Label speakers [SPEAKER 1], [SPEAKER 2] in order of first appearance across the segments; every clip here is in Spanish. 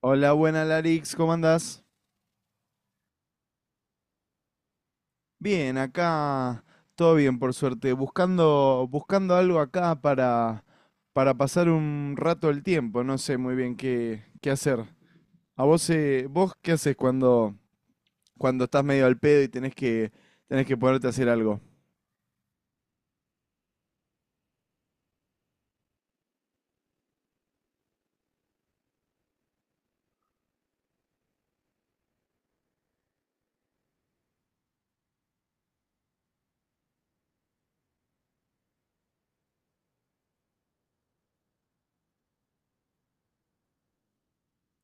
[SPEAKER 1] Hola, buena Larix, ¿cómo andás? Bien, acá todo bien, por suerte. Buscando, buscando algo acá para pasar un rato el tiempo. No sé muy bien qué hacer. ¿A vos, vos qué haces cuando estás medio al pedo y tenés que ponerte a hacer algo?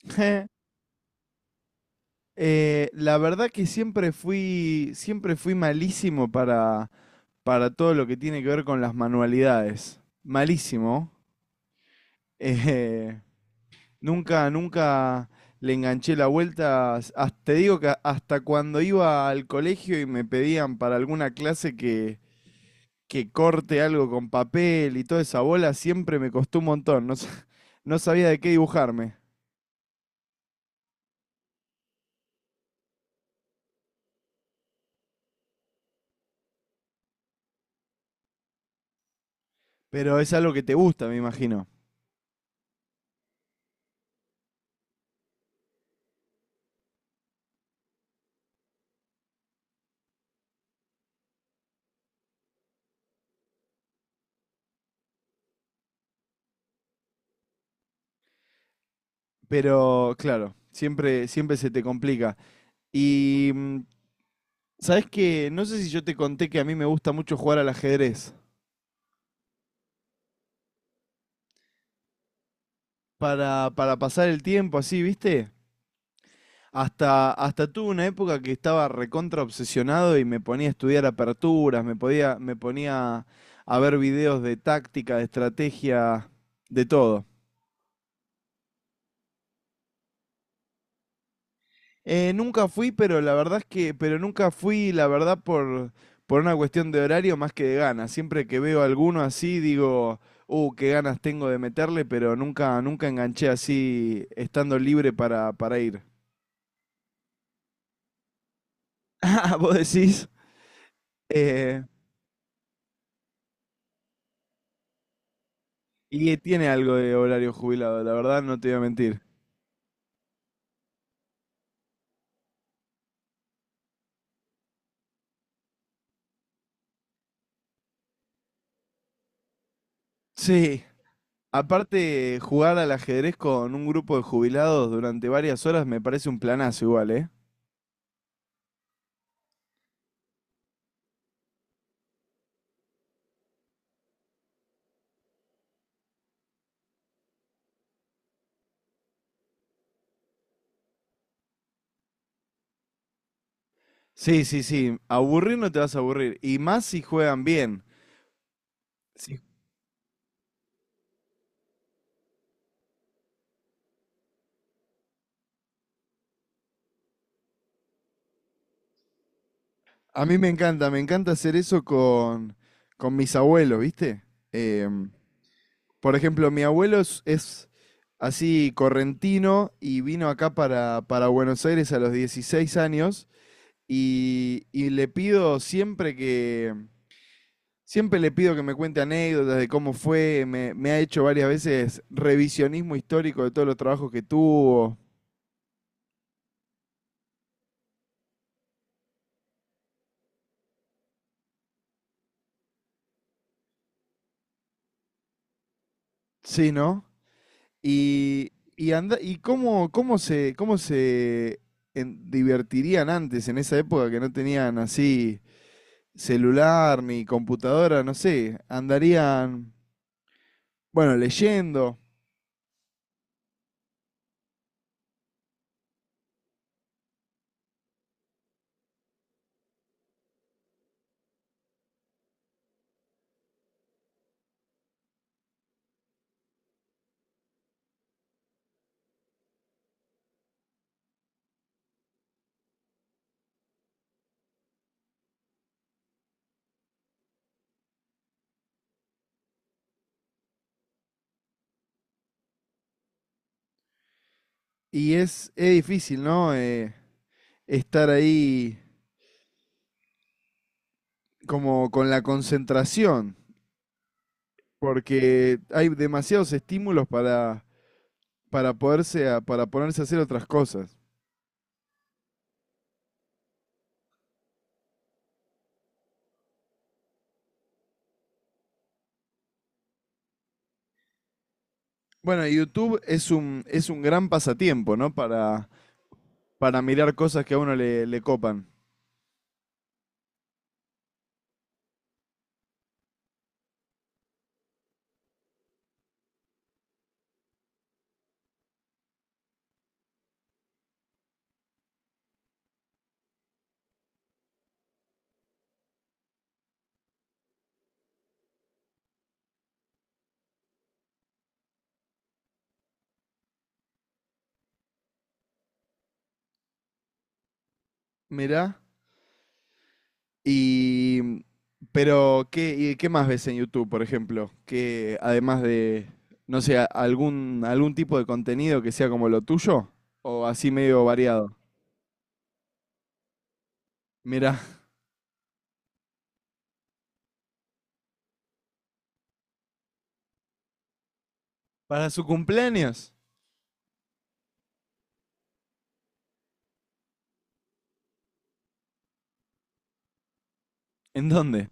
[SPEAKER 1] La verdad que siempre fui malísimo para todo lo que tiene que ver con las manualidades. Malísimo. Eh, Nunca le enganché la vuelta. Te digo que hasta cuando iba al colegio y me pedían para alguna clase que corte algo con papel y toda esa bola, siempre me costó un montón. No, no sabía de qué dibujarme. Pero es algo que te gusta, me imagino. Pero claro, siempre se te complica. Y mm, sabes que no sé si yo te conté que a mí me gusta mucho jugar al ajedrez. Para pasar el tiempo así, ¿viste? Hasta tuve una época que estaba recontra obsesionado y me ponía a estudiar aperturas, me ponía a ver videos de táctica, de estrategia, de todo. Nunca fui, pero la verdad es que, pero nunca fui, la verdad, por una cuestión de horario más que de ganas. Siempre que veo alguno así, digo, qué ganas tengo de meterle, pero nunca, nunca enganché así, estando libre para ir. Ah, vos decís. Eh, Y tiene algo de horario jubilado, la verdad, no te voy a mentir. Sí. Aparte, jugar al ajedrez con un grupo de jubilados durante varias horas me parece un planazo igual, ¿eh? Sí, sí, sí. Aburrir no te vas a aburrir. Y más si juegan bien. Sí. A mí me encanta hacer eso con mis abuelos, ¿viste? Em, por ejemplo, mi abuelo es así correntino y vino acá para Buenos Aires a los 16 años y le pido siempre le pido que me cuente anécdotas de cómo fue, me ha hecho varias veces revisionismo histórico de todos los trabajos que tuvo, sí, ¿no? Anda, y cómo se divertirían antes, en esa época que no tenían así celular ni computadora, no sé, andarían, bueno, leyendo. Y es difícil, ¿no? Estar ahí como con la concentración, porque hay demasiados estímulos para ponerse a hacer otras cosas. Bueno, y YouTube es un gran pasatiempo, ¿no? Para mirar cosas que a uno le copan. Mirá. Y. Pero, ¿Y qué más ves en YouTube, por ejemplo? Que además de, no sé, algún tipo de contenido que sea como lo tuyo, o así medio variado. Mirá, para su cumpleaños, ¿en dónde?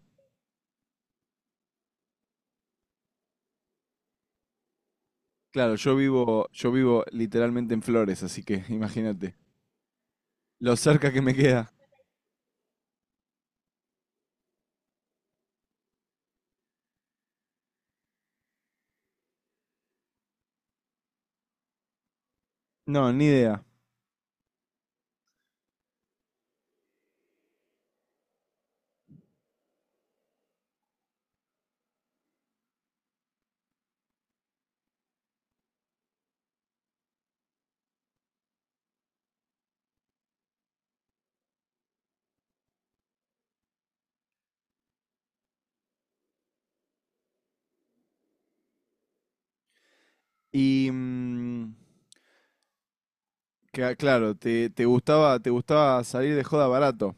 [SPEAKER 1] Claro, yo vivo literalmente en Flores, así que imagínate lo cerca que me queda. No, ni idea. Y mm, claro, te gustaba salir de joda barato.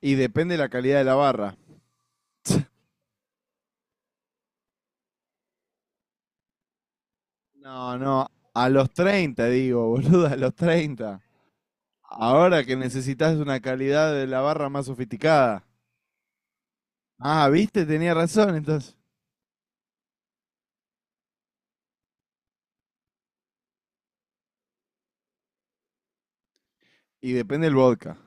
[SPEAKER 1] Y depende de la calidad de la barra. No, no, a los 30, digo, boludo, a los 30. Ahora que necesitas una calidad de la barra más sofisticada. Ah, viste, tenía razón entonces. Y depende del vodka.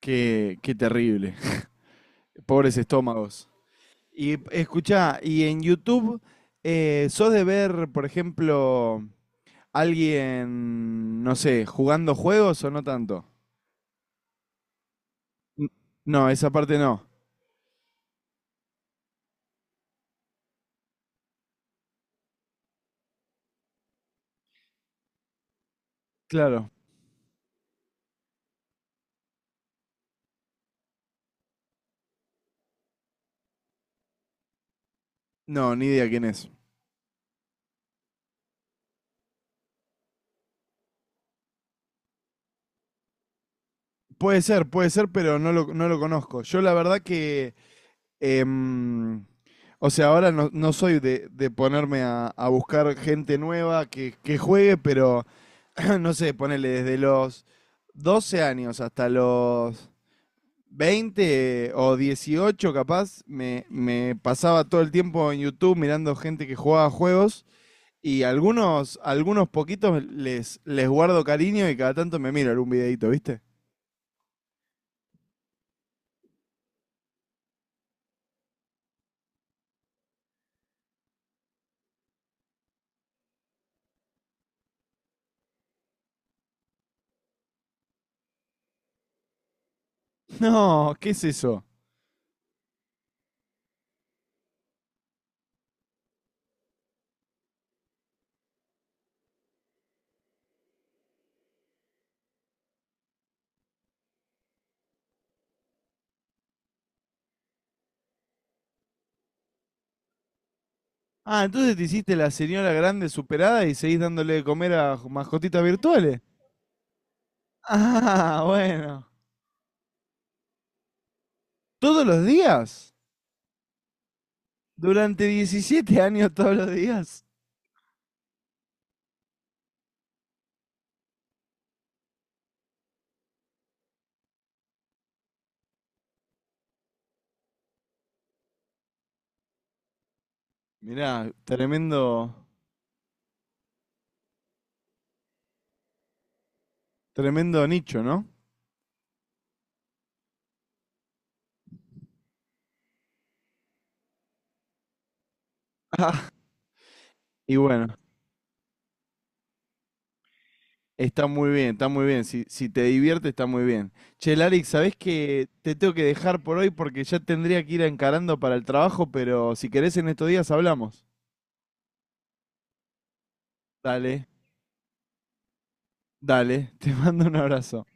[SPEAKER 1] Qué terrible. Pobres estómagos. Y escucha, y en YouTube, ¿sos de ver, por ejemplo, alguien, no sé, jugando juegos o no tanto? N- No, esa parte no. Claro. No, ni idea quién es. Puede ser, pero no lo conozco. Yo la verdad que, em, o sea, ahora no, no soy de ponerme a buscar gente nueva que juegue, pero no sé, ponele desde los 12 años hasta los veinte o 18, capaz, me pasaba todo el tiempo en YouTube mirando gente que jugaba juegos y algunos poquitos les guardo cariño y cada tanto me miro algún videito, ¿viste? No, ¿qué es eso? Ah, entonces te hiciste la señora grande superada y seguís dándole de comer a mascotitas virtuales. Ah, bueno. ¿Todos los días? Durante 17 años todos los días. Mirá, tremendo, tremendo nicho, ¿no? Y bueno, está muy bien, está muy bien. Si te divierte, está muy bien. Che, Larix, ¿sabés que te tengo que dejar por hoy porque ya tendría que ir encarando para el trabajo, pero si querés en estos días hablamos? Dale, dale, te mando un abrazo.